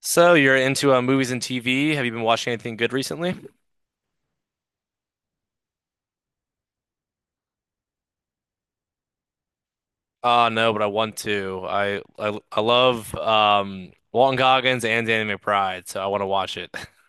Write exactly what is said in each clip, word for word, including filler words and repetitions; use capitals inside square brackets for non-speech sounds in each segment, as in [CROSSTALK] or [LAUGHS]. So you're into uh, movies and T V. Have you been watching anything good recently? Uh no, but I want to. I I, I love um Walton Goggins and Danny McBride, so I want to watch it. [LAUGHS]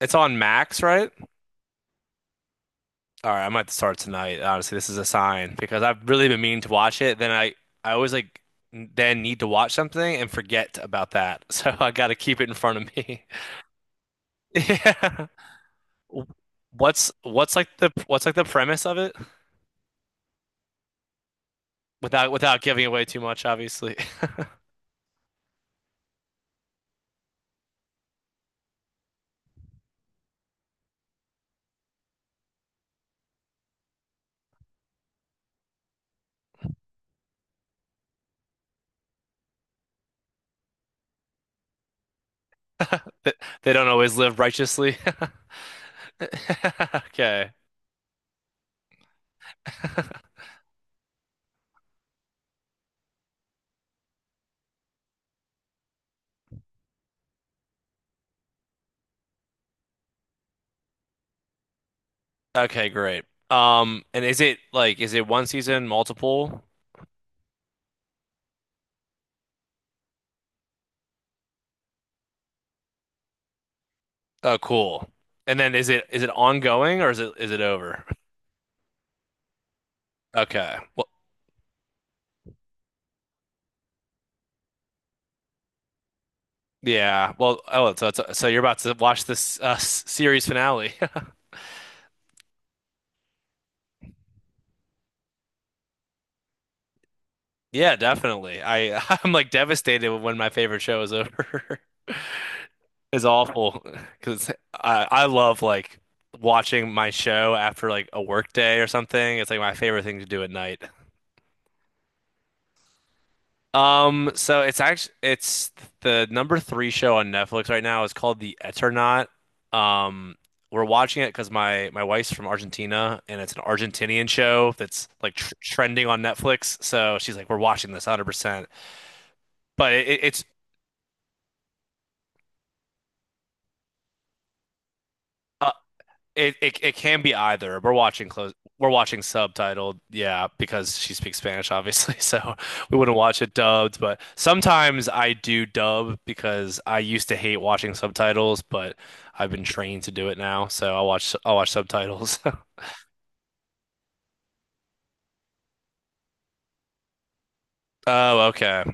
It's on Max, right? All right, I might start tonight. Honestly, this is a sign because I've really been meaning to watch it. Then I I always like n- then need to watch something and forget about that. [LAUGHS] So I got to keep it in front of me. [LAUGHS] Yeah. What's what's like the what's like the premise of it without without giving away too much, obviously. [LAUGHS] They they don't always live righteously. [LAUGHS] Okay. Okay, great. Um, and is it like is it one season, multiple? Oh, cool. And then is it is it ongoing or is it is it over? Okay. Well, yeah. Well, oh, so it's, so you're about to watch this uh, s- series finale. [LAUGHS] Yeah, definitely. I [LAUGHS] I'm like devastated when my favorite show is over. [LAUGHS] Is awful [LAUGHS] because I, I love like watching my show after like a work day or something. It's like my favorite thing to do at night. Um, so it's actually it's the number three show on Netflix right now. It's called The Eternaut. Um, we're watching it because my my wife's from Argentina and it's an Argentinian show that's like tr trending on Netflix. So she's like, we're watching this one hundred percent. But it, it's It, it it can be either. We're watching close. We're watching subtitled, yeah, because she speaks Spanish, obviously. [LAUGHS] So we wouldn't watch it dubbed. But sometimes I do dub because I used to hate watching subtitles, but I've been trained to do it now. So I watch I watch subtitles. [LAUGHS] Oh, okay.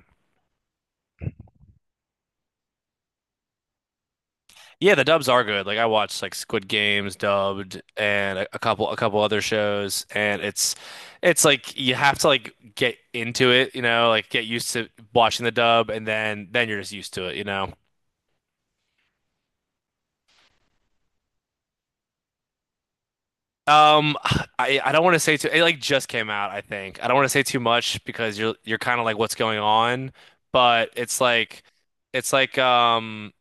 Yeah, the dubs are good. Like I watched like Squid Games dubbed and a, a couple a couple other shows and it's it's like you have to like get into it, you know, like get used to watching the dub and then then you're just used to it, you know. Um I I don't want to say too it like just came out, I think. I don't want to say too much because you're you're kind of like what's going on, but it's like it's like um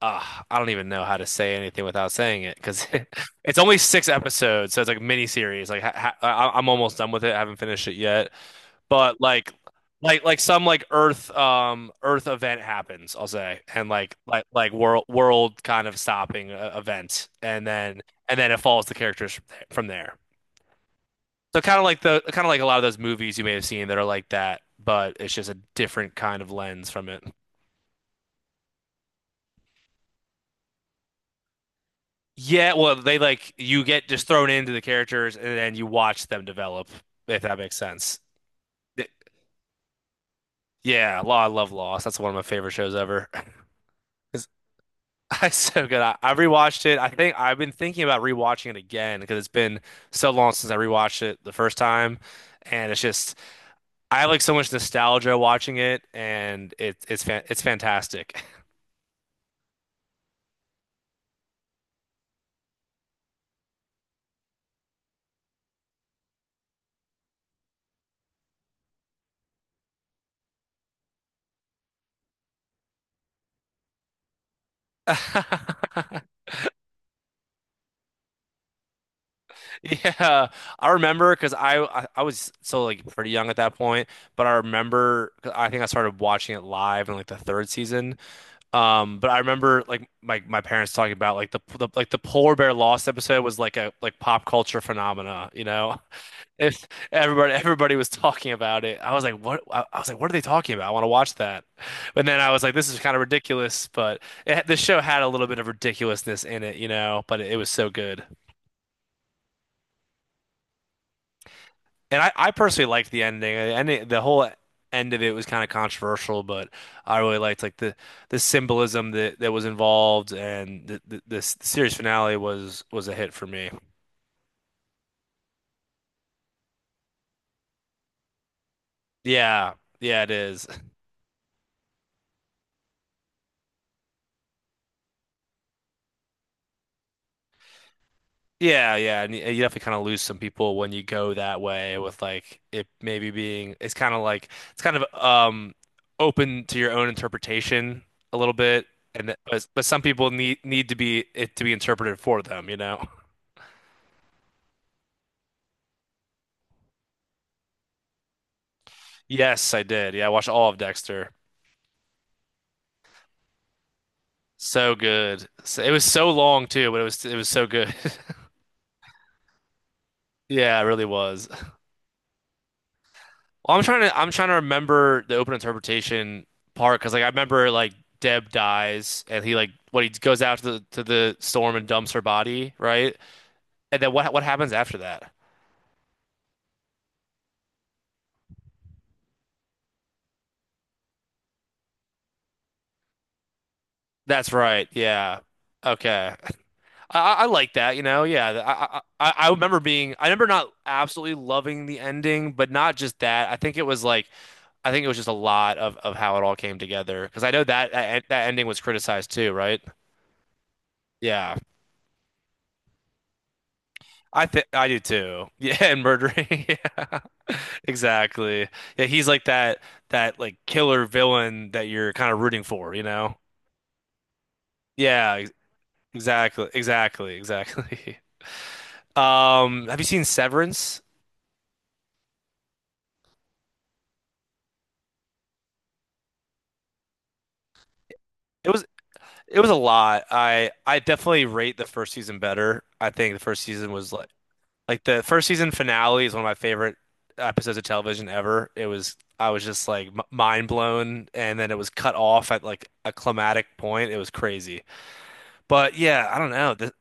uh, I don't even know how to say anything without saying it because [LAUGHS] it's only six episodes, so it's like mini series. Like ha ha I- I'm almost done with it. I haven't finished it yet, but like, like like some like Earth um Earth event happens, I'll say, and like like like world world kind of stopping uh, event, and then and then it follows the characters from there. From there. So kind of like the kind of like a lot of those movies you may have seen that are like that, but it's just a different kind of lens from it. Yeah, well, they like you get just thrown into the characters and then you watch them develop, if that makes sense. Th- Yeah, Law, I love Lost. That's one of my favorite shows ever. [LAUGHS] 'Cause [LAUGHS] it's so good. I, I rewatched it. I think I've been thinking about rewatching it again because it's been so long since I rewatched it the first time, and it's just I have like so much nostalgia watching it, and it, it's fan it's fantastic. [LAUGHS] Yeah, I remember because I, I I was so like pretty young at that point, but I remember 'cause I think I started watching it live in like the third season. Um, but I remember like my my parents talking about like the, the like the polar bear lost episode was like a like pop culture phenomena, you know? [LAUGHS] If everybody everybody was talking about it, I was like, what? I, I was like, what are they talking about? I want to watch that. But then I was like, this is kind of ridiculous. But it, the show had a little bit of ridiculousness in it, you know? But it, was so good. And I, I personally liked the ending. The ending, the whole end of it was kind of controversial, but I really liked like the the symbolism that, that was involved, and the, the the s- series finale was was a hit for me. Yeah, yeah, it is. [LAUGHS] Yeah, yeah, and you, you definitely kind of lose some people when you go that way with like it maybe being it's kind of like it's kind of um open to your own interpretation a little bit, and that- but but some people need need to be it to be interpreted for them, you know. [LAUGHS] Yes, I did. Yeah, I watched all of Dexter. So good. So, it was so long too, but it was it was so good. [LAUGHS] Yeah, it really was. Well, I'm trying to I'm trying to remember the open interpretation part because like I remember like Deb dies and he like what he goes out to the to the storm and dumps her body, right? And then what what happens after that? That's right. Yeah. Okay. I, I I like that, you know. Yeah, I, I I I remember being I remember not absolutely loving the ending, but not just that. I think it was like. I think it was just a lot of, of how it all came together because I know that that that ending was criticized too, right? Yeah, I think I do too. [LAUGHS] Yeah, and murdering. [LAUGHS] Yeah, exactly. Yeah, he's like that that like killer villain that you're kind of rooting for, you know? Yeah, ex- exactly, exactly, exactly. [LAUGHS] Um, have you seen Severance? It was it was a lot. I I definitely rate the first season better. I think the first season was like Like the first season finale is one of my favorite episodes of television ever. It was I was just like m mind blown, and then it was cut off at like a climatic point. It was crazy. But yeah, I don't know. Th-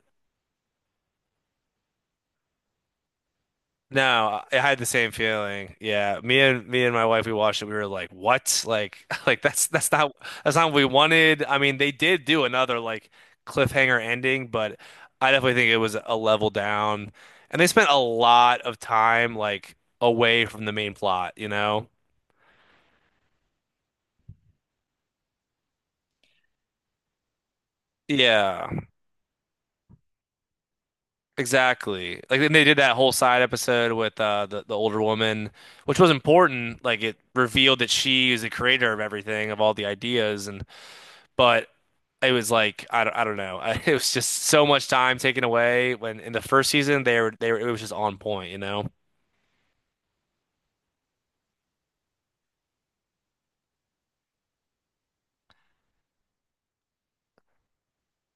No, I had the same feeling. Yeah, me and me and my wife we watched it. We were like, "What? Like, [LAUGHS] like that's that's not that's not what we wanted." I mean, they did do another like cliffhanger ending, but I definitely think it was a level down. And they spent a lot of time like away from the main plot, you know? Yeah, exactly. Like then they did that whole side episode with uh the, the older woman, which was important. Like it revealed that she is the creator of everything, of all the ideas and but it was like I don't I don't know. [LAUGHS] It was just so much time taken away when in the first season they were they were it was just on point, you know?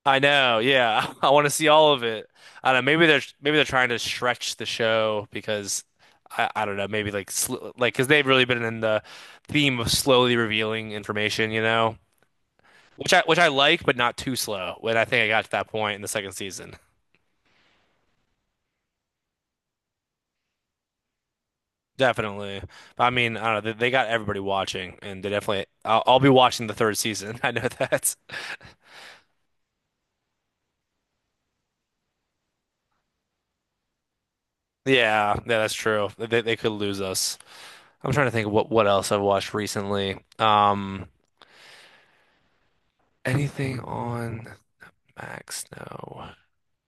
I know, yeah. [LAUGHS] I want to see all of it. I don't know. Maybe they're maybe they're trying to stretch the show because I, I don't know. Maybe like sl like because they've really been in the theme of slowly revealing information, you know, which I which I like, but not too slow. When I think I got to that point in the second season, definitely. But I mean, I don't know. They, they got everybody watching, and they definitely. I'll, I'll be watching the third season. [LAUGHS] I know that. Yeah, yeah, that's true. They they could lose us. I'm trying to think of what what else I've watched recently. Um. Anything on Max? No.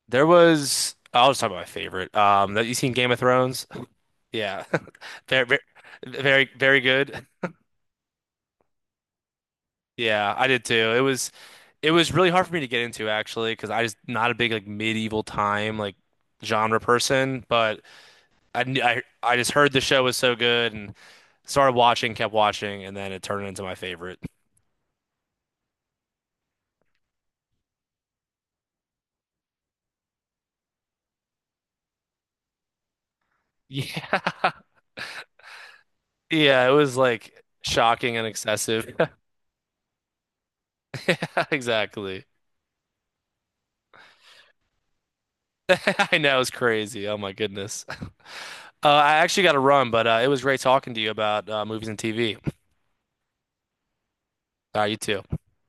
There was I'll just talk about my favorite. Um, that you seen Game of Thrones? Yeah. [LAUGHS] Very, very, very, very good. Yeah, I did too. It was it was really hard for me to get into actually because I just not a big like medieval time like genre person, but I, kn- I I just heard the show was so good and started watching, kept watching, and then it turned into my favorite. Yeah. [LAUGHS] Yeah, it was like shocking and excessive. [LAUGHS] Yeah, exactly. [LAUGHS] I know it's crazy. Oh my goodness. [LAUGHS] Uh, I actually got to run, but uh, it was great talking to you about uh, movies and T V. Uh, you too.